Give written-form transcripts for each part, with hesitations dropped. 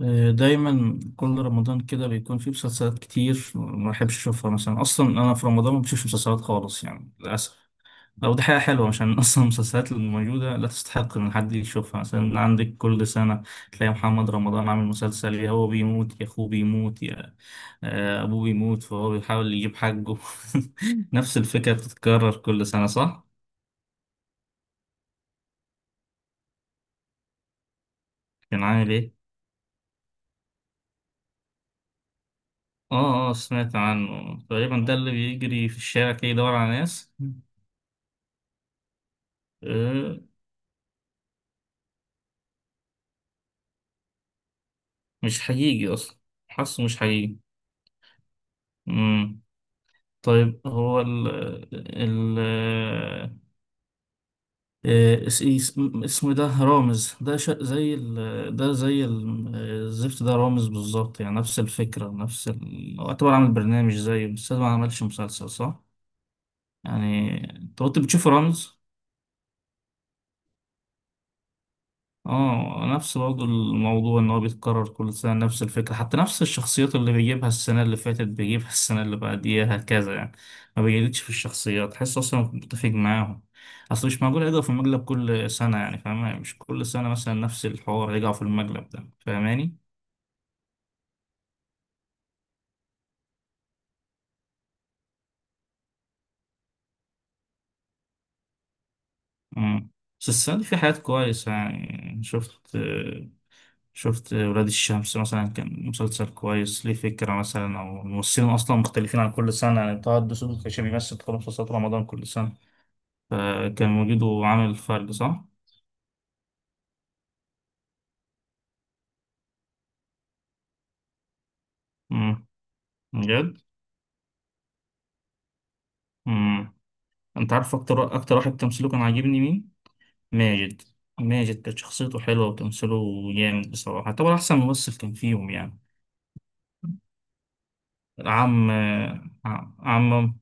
آه، دايما كل رمضان كده بيكون فيه مسلسلات كتير ما بحبش اشوفها مثلا. اصلا انا في رمضان ما بشوفش مسلسلات خالص يعني للاسف. او دي حاجه حلوه عشان اصلا المسلسلات اللي موجوده لا تستحق ان حد يشوفها. مثلا عندك كل سنه تلاقي محمد رمضان عامل مسلسل، يا هو بيموت يا اخوه بيموت يا ابوه بيموت، فهو بيحاول يجيب حقه. نفس الفكره بتتكرر كل سنه، صح؟ كان عامل ايه؟ اه اه، سمعت عنه تقريبا، ده اللي بيجري في الشارع كده يدور على ناس. آه، مش حقيقي أصلا. حاسه مش حقيقي. مم. طيب هو ال ال آه، اس- إيه، اس- اسمه ده رامز، ده زي ال، ده زي الزفت ده، رامز بالظبط يعني، نفس الفكرة نفس هو اعتبر عامل برنامج زيه، بس ده ما عملش مسلسل صح؟ يعني، انت كنت بتشوف رامز؟ اه نفس برضه الموضوع، ان هو بيتكرر كل سنة، نفس الفكرة، حتى نفس الشخصيات اللي بيجيبها السنة اللي فاتت بيجيبها السنة اللي بعديها، هكذا يعني. ما بيجددش في الشخصيات، تحس اصلا متفق معاهم. اصل مش معقول يرجعوا في المقلب كل سنة، يعني فاهمة، مش كل سنة مثلا نفس الحوار يرجعوا في المقلب ده، فاهماني؟ مم. بس السنة دي في حاجات كويسة يعني. شفت ولاد الشمس مثلا، كان مسلسل كويس. ليه فكرة مثلا، أو الممثلين أصلا مختلفين عن كل سنة يعني. طه الدسوقي كان بيمثل في مسلسلات رمضان كل سنة، فكان وجوده عامل فرق صح؟ امم. بجد؟ امم. أنت عارف أكتر واحد تمثيله كان عاجبني مين؟ ماجد. ماجد كانت شخصيته حلوة وتمثيله جامد بصراحة، طبعا أحسن ممثل كان فيهم يعني. عم عم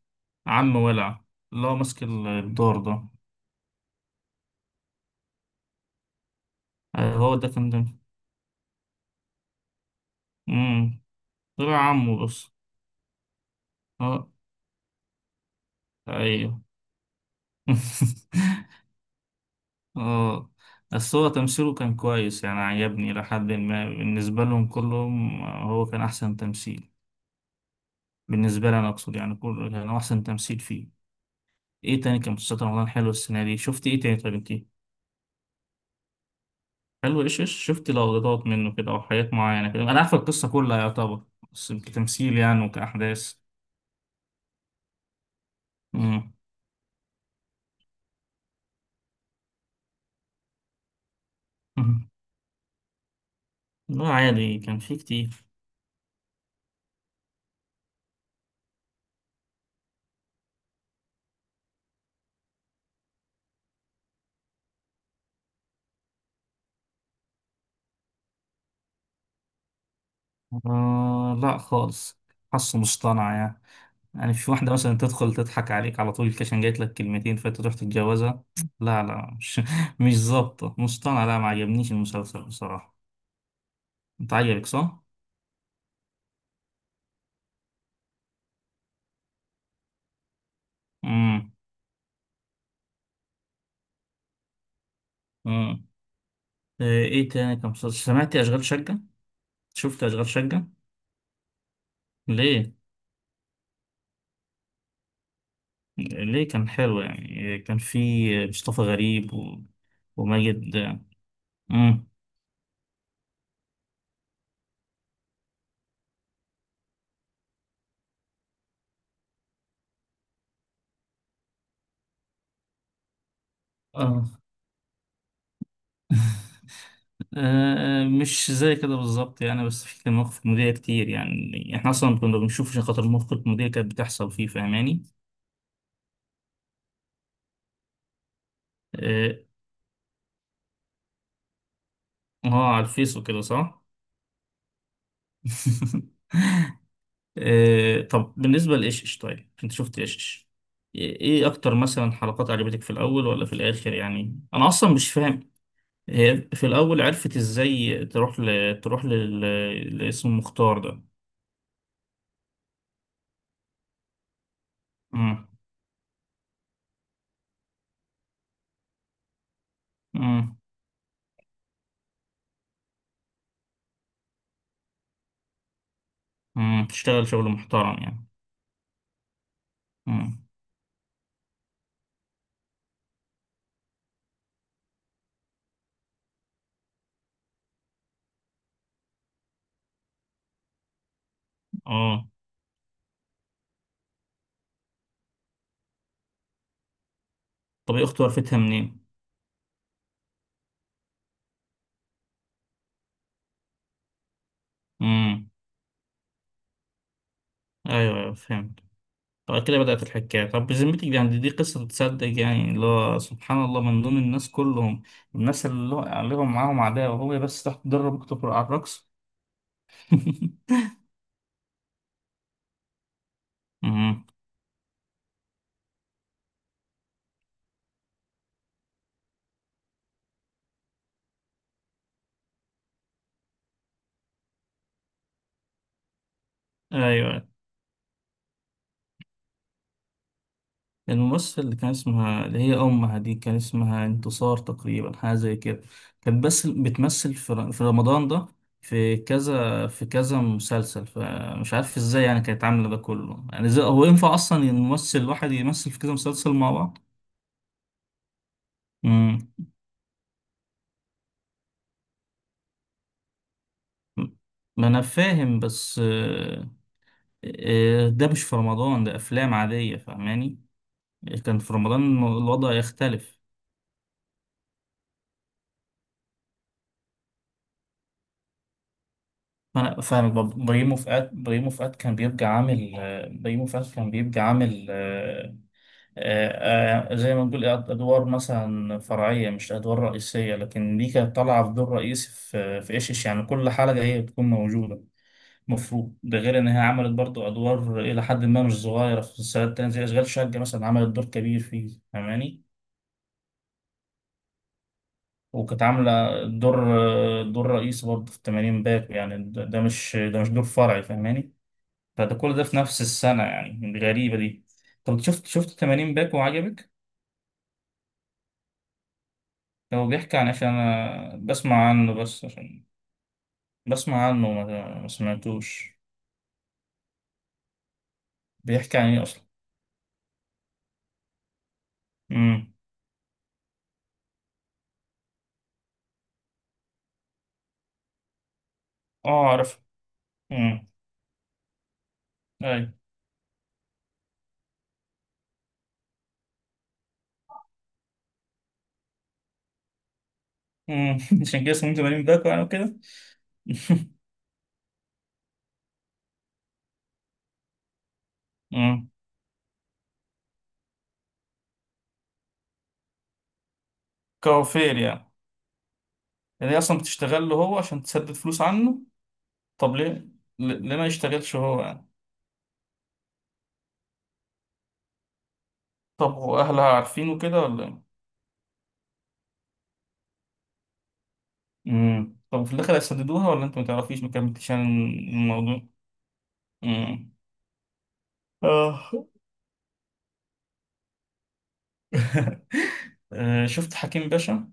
عم ولع، اللي هو ماسك الدور ده. هو ده كان ده طلع عمه بس. اه ايوه. اه. بس هو تمثيله كان كويس يعني، عجبني لحد ما، بالنسبة لهم كلهم هو كان أحسن تمثيل، بالنسبة لي أنا أقصد يعني. كله كان هو أحسن تمثيل فيه. إيه تاني كان مسلسلات رمضان حلو السنة دي؟ شفت إيه تاني؟ طب إنتي حلو إيش إيش، شفت لقطات منه كده أو حاجات معينة كده؟ أنا عارف القصة كلها يعتبر، بس كتمثيل يعني وكأحداث. مم. مم. لا عادي كان فيه كتير. آه لا خالص، حاسه مصطنع يعني. يعني مش واحدة مثلا تدخل تضحك عليك على طول عشان جايت لك كلمتين فانت تروح تتجوزها. لا مش مش ظابطة، مصطنع، لا ما عجبنيش المسلسل بصراحة. انت عجبك صح؟ امم. امم. ايه إيه تاني كان مسلسل؟ سمعت اشغال شقة؟ شفت اشغال شقة؟ ليه؟ ليه كان حلو يعني، كان في مصطفى غريب وماجد. امم. اه. مش زي كده بالظبط يعني، بس في كان مواقف كوميدية كتير، يعني احنا اصلا كنا بنشوف عشان خاطر المواقف الكوميدية كانت بتحصل فيه، فاهماني. اه. على الفيس وكده، صح. طب بالنسبة لإيشش، طيب انت شفت إيشش؟ ايه إيه اكتر مثلا حلقات عجبتك، في الاول ولا في الاخر؟ يعني انا اصلا مش فاهم هي في الاول عرفت ازاي تروح تروح لاسم مختار ده. امم. امم. أمم، تشتغل شغل محترم يعني. امم. اه. طب يا أختي عرفتها منين؟ امم. أيوه أيوه فهمت. طب كده بدأت الحكاية. طب بذمتك دي يعني، دي قصة تصدق يعني، اللي هو سبحان الله من دون الناس كلهم، الناس اللي هو عليهم معاهم عداوة هو بس تحت تدرب على الرقص. امم. أيوه. الممثل اللي كان اسمها اللي هي أمها دي، كان اسمها انتصار تقريبا، حاجة زي كده. كانت بس بتمثل في في رمضان ده في كذا في كذا مسلسل، فمش عارف ازاي يعني كانت عاملة ده كله، يعني ازاي هو ينفع أصلا الممثل الواحد يمثل في كذا مسلسل مع بعض؟ مم. ما أنا فاهم بس، ده مش في رمضان، ده أفلام عادية، فاهماني؟ كان في رمضان الوضع يختلف. انا فاهمك برضه. بريمو فؤاد كان بيبقى عامل، زي ما نقول ادوار مثلا فرعيه، مش ادوار رئيسيه، لكن دي كانت طالعه في دور رئيسي في في ايش إيش. يعني كل حلقه هي بتكون موجوده. المفروض ده، غير ان هي عملت برضو ادوار الى حد ما مش صغيره في مسلسلات تانية، زي اشغال شقه مثلا عملت دور كبير فيه، فاهماني. وكانت عامله دور، دور رئيسي برضه في 80 باكو، يعني ده مش دور فرعي، فاهماني. فده كل ده في نفس السنة يعني، الغريبة دي. طب شفت 80 باك وعجبك؟ هو بيحكي عن إيه؟ عشان أنا بسمع عنه، بس عشان بسمع عنه ما سمعتوش. بيحكي عن إيه أصلا؟ امم. أه أعرف. امم. أي. امم. عشان كده اسمه 80 باك يعني وكده. امم. كوافير يعني. يعني هي أصلا بتشتغل له هو عشان تسدد فلوس عنه. طب ليه؟ ليه ما يشتغلش هو يعني؟ طب وأهلها عارفين وكده ولا إيه؟ امم. طب في الاخر هيسددوها ولا انت ما تعرفيش ما كملتيش عن الموضوع؟ امم. اه. شفت حكيم باشا؟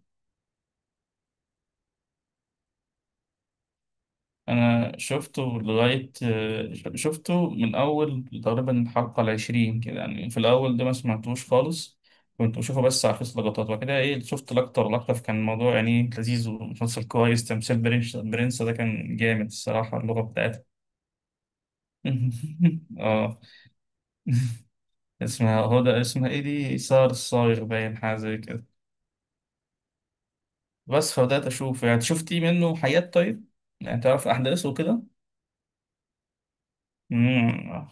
انا شفته لغايه، شفته من اول تقريبا الحلقه العشرين كده يعني، في الاول ده ما سمعتوش خالص، كنت بشوفه بس على فيس لقطات. وبعد كده ايه، شفت لقطه ولا لقطه، فكان الموضوع يعني لذيذ ومسلسل كويس تمثيل. برنس، برنس ده كان جامد الصراحه اللغه بتاعته. اه. اسمها هدى، اسمها ايه دي، سار الصايغ باين، حاجه زي كده. بس فبدأت أشوف يعني، شفتي منه حاجات طيب؟ يعني تعرف أحداثه وكده. مم.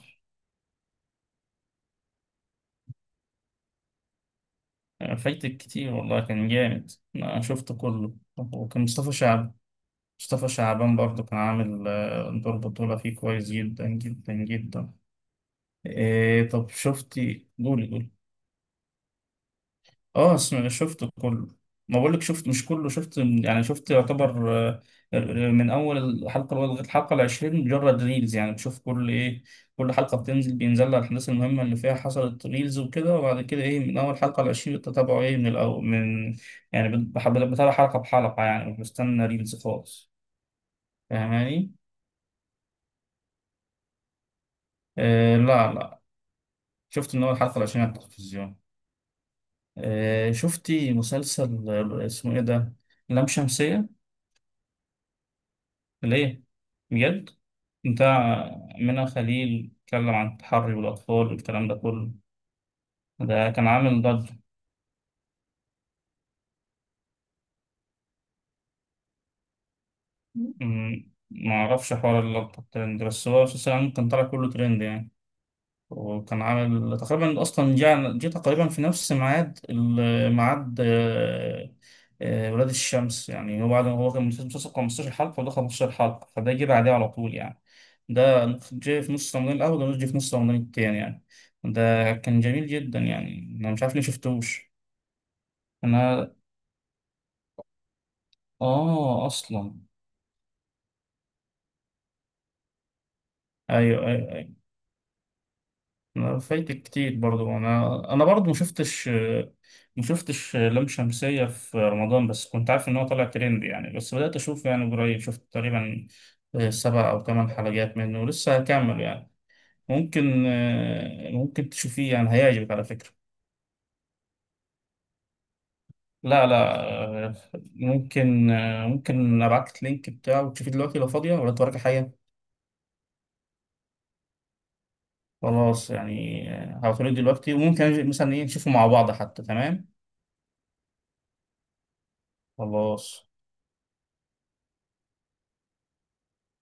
فايتك كتير والله كان جامد، أنا شفته كله. وكان مصطفى شعب، مصطفى شعبان برضه كان عامل، دور بطولة فيه كويس جدا جدا جدا. إيه طب شفتي؟ قولي قولي. اه اسمع، شفته كله. ما بقولك شفت، مش كله، شفت يعني شفت يعتبر، آه، من اول الحلقه الاولى لغايه الحلقه العشرين مجرد ريلز، يعني بشوف كل ايه، كل حلقه بتنزل بينزل لها الاحداث المهمه اللي فيها حصلت ريلز وكده. وبعد كده ايه، من اول حلقه العشرين بتتابعه ايه من الاول من، يعني بتابع حلقه بحلقه، يعني مش بستنى ريلز خالص، فاهماني. لا، شفت من اول حلقه العشرين على التلفزيون. آه، شفتي مسلسل اسمه ايه ده، لام شمسية؟ ليه؟ بجد؟ بتاع منى خليل، اتكلم عن التحري بالأطفال والكلام ده كله. ده كان عامل ضجة. أمم، معرفش حوار اللقطة الترند، بس هو أساسا كان طالع كله ترند يعني. وكان عامل تقريبا اصلا جينا جيت تقريبا في نفس ميعاد ميعاد، ولاد الشمس، يعني هو بعد، هو كان مسلسل 15 حلقة وده 15 حلقة، فده جه بعديه على طول يعني. ده جه في نص رمضان الأول وده جه في نص رمضان التاني يعني. ده كان جميل جدا يعني، أنا مش عارف ليه شفتوش. أنا آه أصلا. أيوه أيوه. أنا فايتك كتير برضو. انا برضو ما شفتش، ما شفتش لام شمسية في رمضان، بس كنت عارف ان هو طالع ترند يعني. بس بدأت اشوف يعني قريب، شفت تقريبا 7 او 8 حلقات منه ولسه هكمل يعني. ممكن ممكن تشوفيه يعني هيعجبك على فكرة. لا لا آه، ممكن ممكن ابعت لك اللينك بتاعه وتشوفيه دلوقتي لو فاضية ولا وراك حاجة. خلاص يعني. هبعتهولك دلوقتي، وممكن أجي مثلا ايه نشوفه مع بعض حتى، تمام. خلاص.